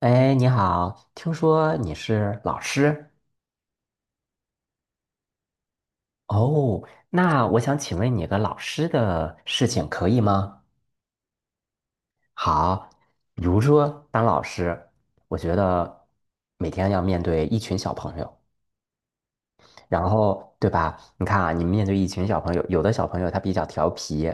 哎，你好，听说你是老师哦，那我想请问你个老师的事情可以吗？好，比如说当老师，我觉得每天要面对一群小朋友，然后对吧？你看啊，你面对一群小朋友，有的小朋友他比较调皮，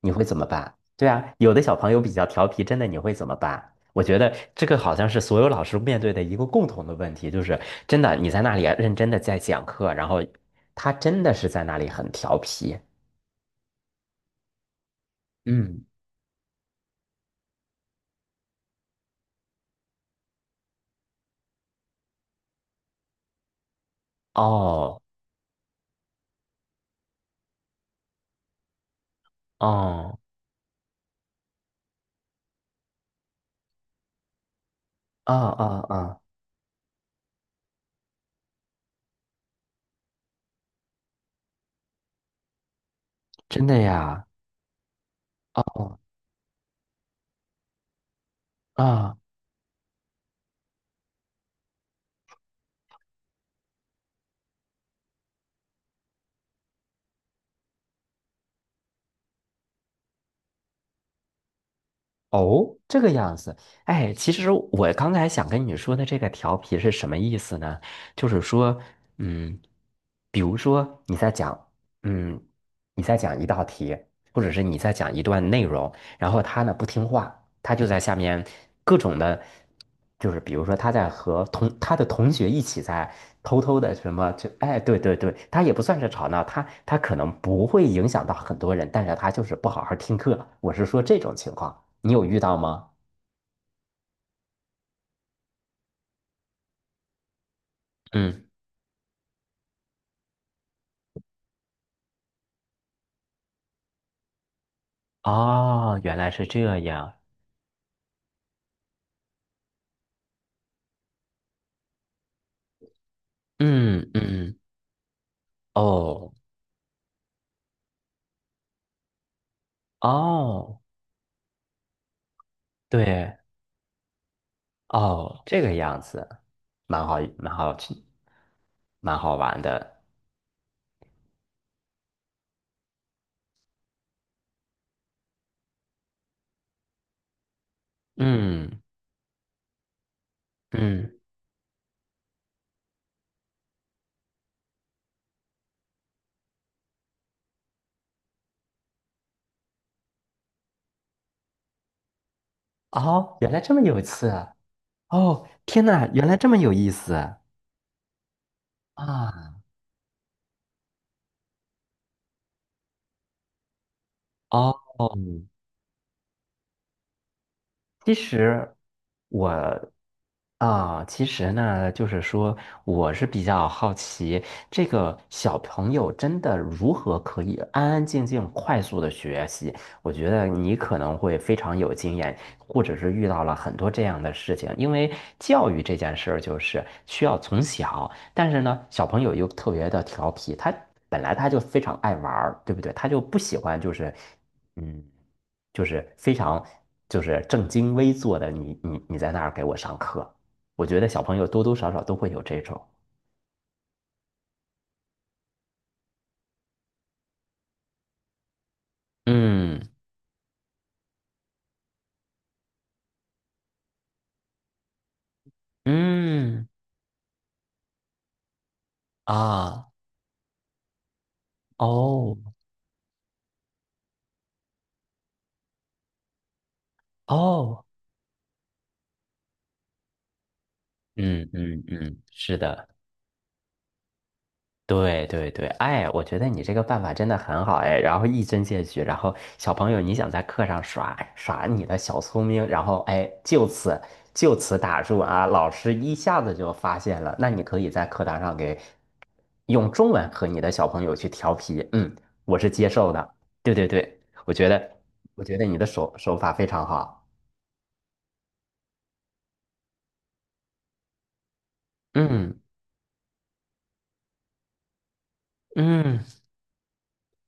你会怎么办？对啊，有的小朋友比较调皮，真的你会怎么办？我觉得这个好像是所有老师面对的一个共同的问题，就是真的你在那里啊认真的在讲课，然后他真的是在那里很调皮。嗯，哦，哦，啊啊啊，真的呀，哦啊。哦，这个样子，哎，其实我刚才想跟你说的这个调皮是什么意思呢？就是说，嗯，比如说你在讲，嗯，你在讲一道题，或者是你在讲一段内容，然后他呢不听话，他就在下面各种的，就是比如说他在和同他的同学一起在偷偷的什么，就哎，对对对，他也不算是吵闹，他可能不会影响到很多人，但是他就是不好好听课。我是说这种情况，你有遇到吗？嗯，哦，原来是这样。嗯嗯，哦哦，对哦，这个样子，蛮好，蛮好，蛮好玩的。嗯嗯。哦，原来这么有刺啊！哦，天呐，原来这么有意思啊！啊，哦，其实我啊，其实呢，就是说，我是比较好奇，这个小朋友真的如何可以安安静静、快速的学习？我觉得你可能会非常有经验，或者是遇到了很多这样的事情。因为教育这件事儿就是需要从小，但是呢，小朋友又特别的调皮，他本来他就非常爱玩儿，对不对？他就不喜欢就是，嗯，就是非常就是正襟危坐的你在那儿给我上课。我觉得小朋友多多少少都会有这种，嗯嗯啊哦哦，嗯嗯嗯，是的。对对对，哎，我觉得你这个办法真的很好哎，然后一针见血，然后小朋友你想在课上耍耍你的小聪明，然后哎，就此打住啊，老师一下子就发现了，那你可以在课堂上给用中文和你的小朋友去调皮，嗯，我是接受的，对对对，我觉得你的手法非常好，嗯嗯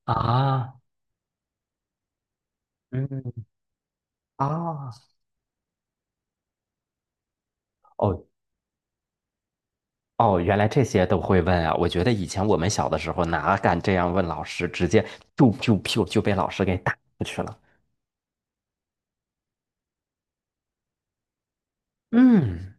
啊嗯啊哦。哦，原来这些都会问啊！我觉得以前我们小的时候哪敢这样问老师，直接就被老师给打过去了。嗯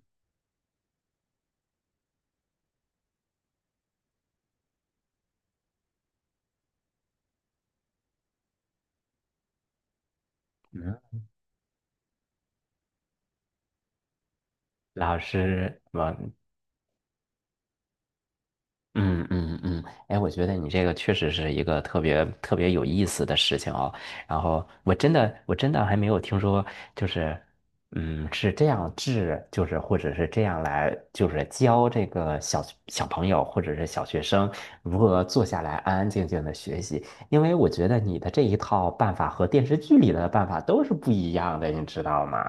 嗯，老师，我嗯嗯嗯，哎，我觉得你这个确实是一个特别特别有意思的事情哦。然后我真的还没有听说，就是嗯是这样治，就是或者是这样来，就是教这个小朋友或者是小学生如何坐下来安安静静的学习。因为我觉得你的这一套办法和电视剧里的办法都是不一样的，你知道吗？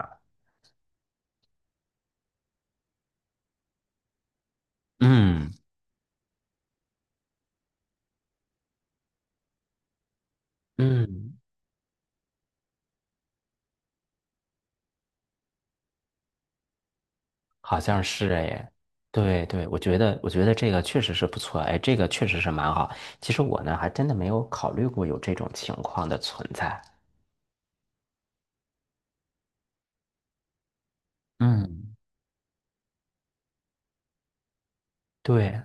嗯嗯。好像是哎，对对，我觉得这个确实是不错，哎，这个确实是蛮好。其实我呢，还真的没有考虑过有这种情况的存在。嗯，对，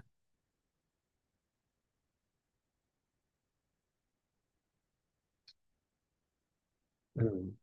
嗯，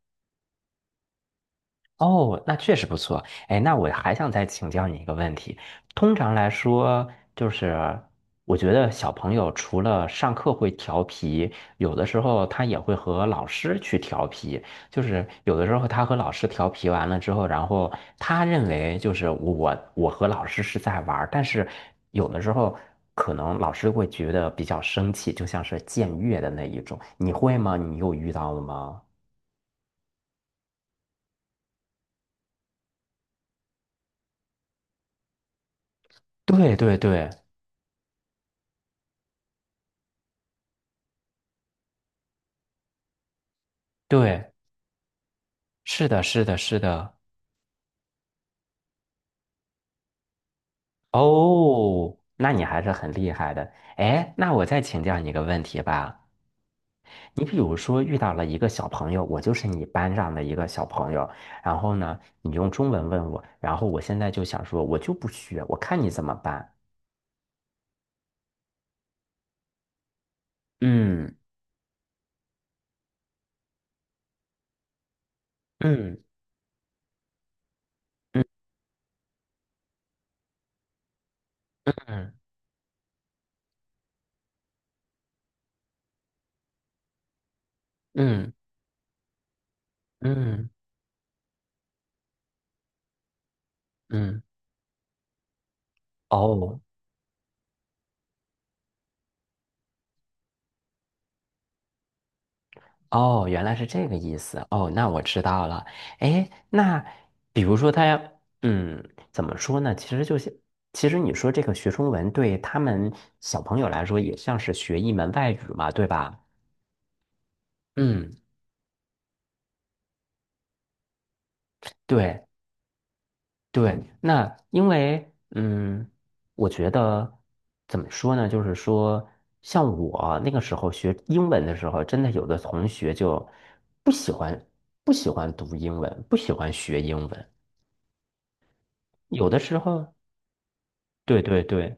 哦，那确实不错。哎，那我还想再请教你一个问题。通常来说，就是我觉得小朋友除了上课会调皮，有的时候他也会和老师去调皮。就是有的时候他和老师调皮完了之后，然后他认为就是我和老师是在玩儿，但是有的时候可能老师会觉得比较生气，就像是僭越的那一种。你会吗？你有遇到了吗？对对对对。是的，是的，是的。哦，那你还是很厉害的。哎，那我再请教你一个问题吧。你比如说遇到了一个小朋友，我就是你班上的一个小朋友，然后呢，你用中文问我，然后我现在就想说，我就不学，我看你怎么办。嗯嗯嗯嗯嗯嗯嗯，哦，哦，原来是这个意思。哦，那我知道了。哎，那比如说他要，嗯，怎么说呢？其实就是，其实你说这个学中文对他们小朋友来说，也像是学一门外语嘛，对吧？嗯，对对。那因为，嗯，我觉得怎么说呢？就是说，像我那个时候学英文的时候，真的有的同学就不喜欢，不喜欢读英文，不喜欢学英文。有的时候，对对对，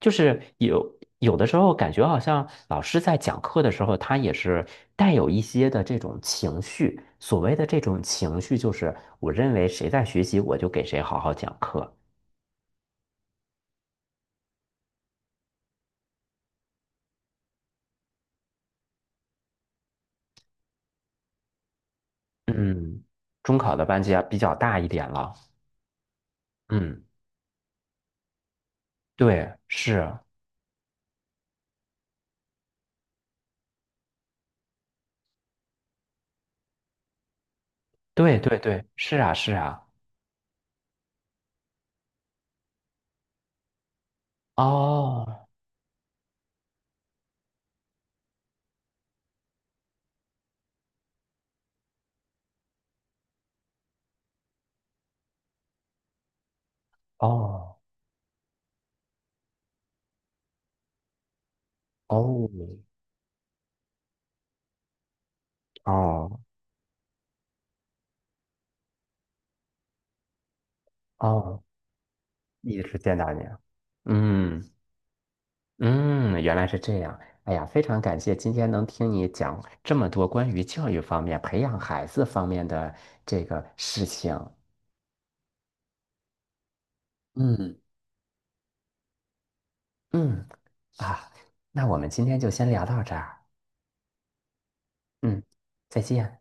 就是有的时候感觉好像老师在讲课的时候，他也是带有一些的这种情绪。所谓的这种情绪，就是我认为谁在学习，我就给谁好好讲课。嗯，中考的班级啊比较大一点了。嗯，对，是，对对对，是啊是啊。哦哦哦哦哦，一直见到你啊。嗯。嗯，原来是这样。哎呀，非常感谢今天能听你讲这么多关于教育方面、培养孩子方面的这个事情。嗯。嗯，啊，那我们今天就先聊到这儿。嗯，再见。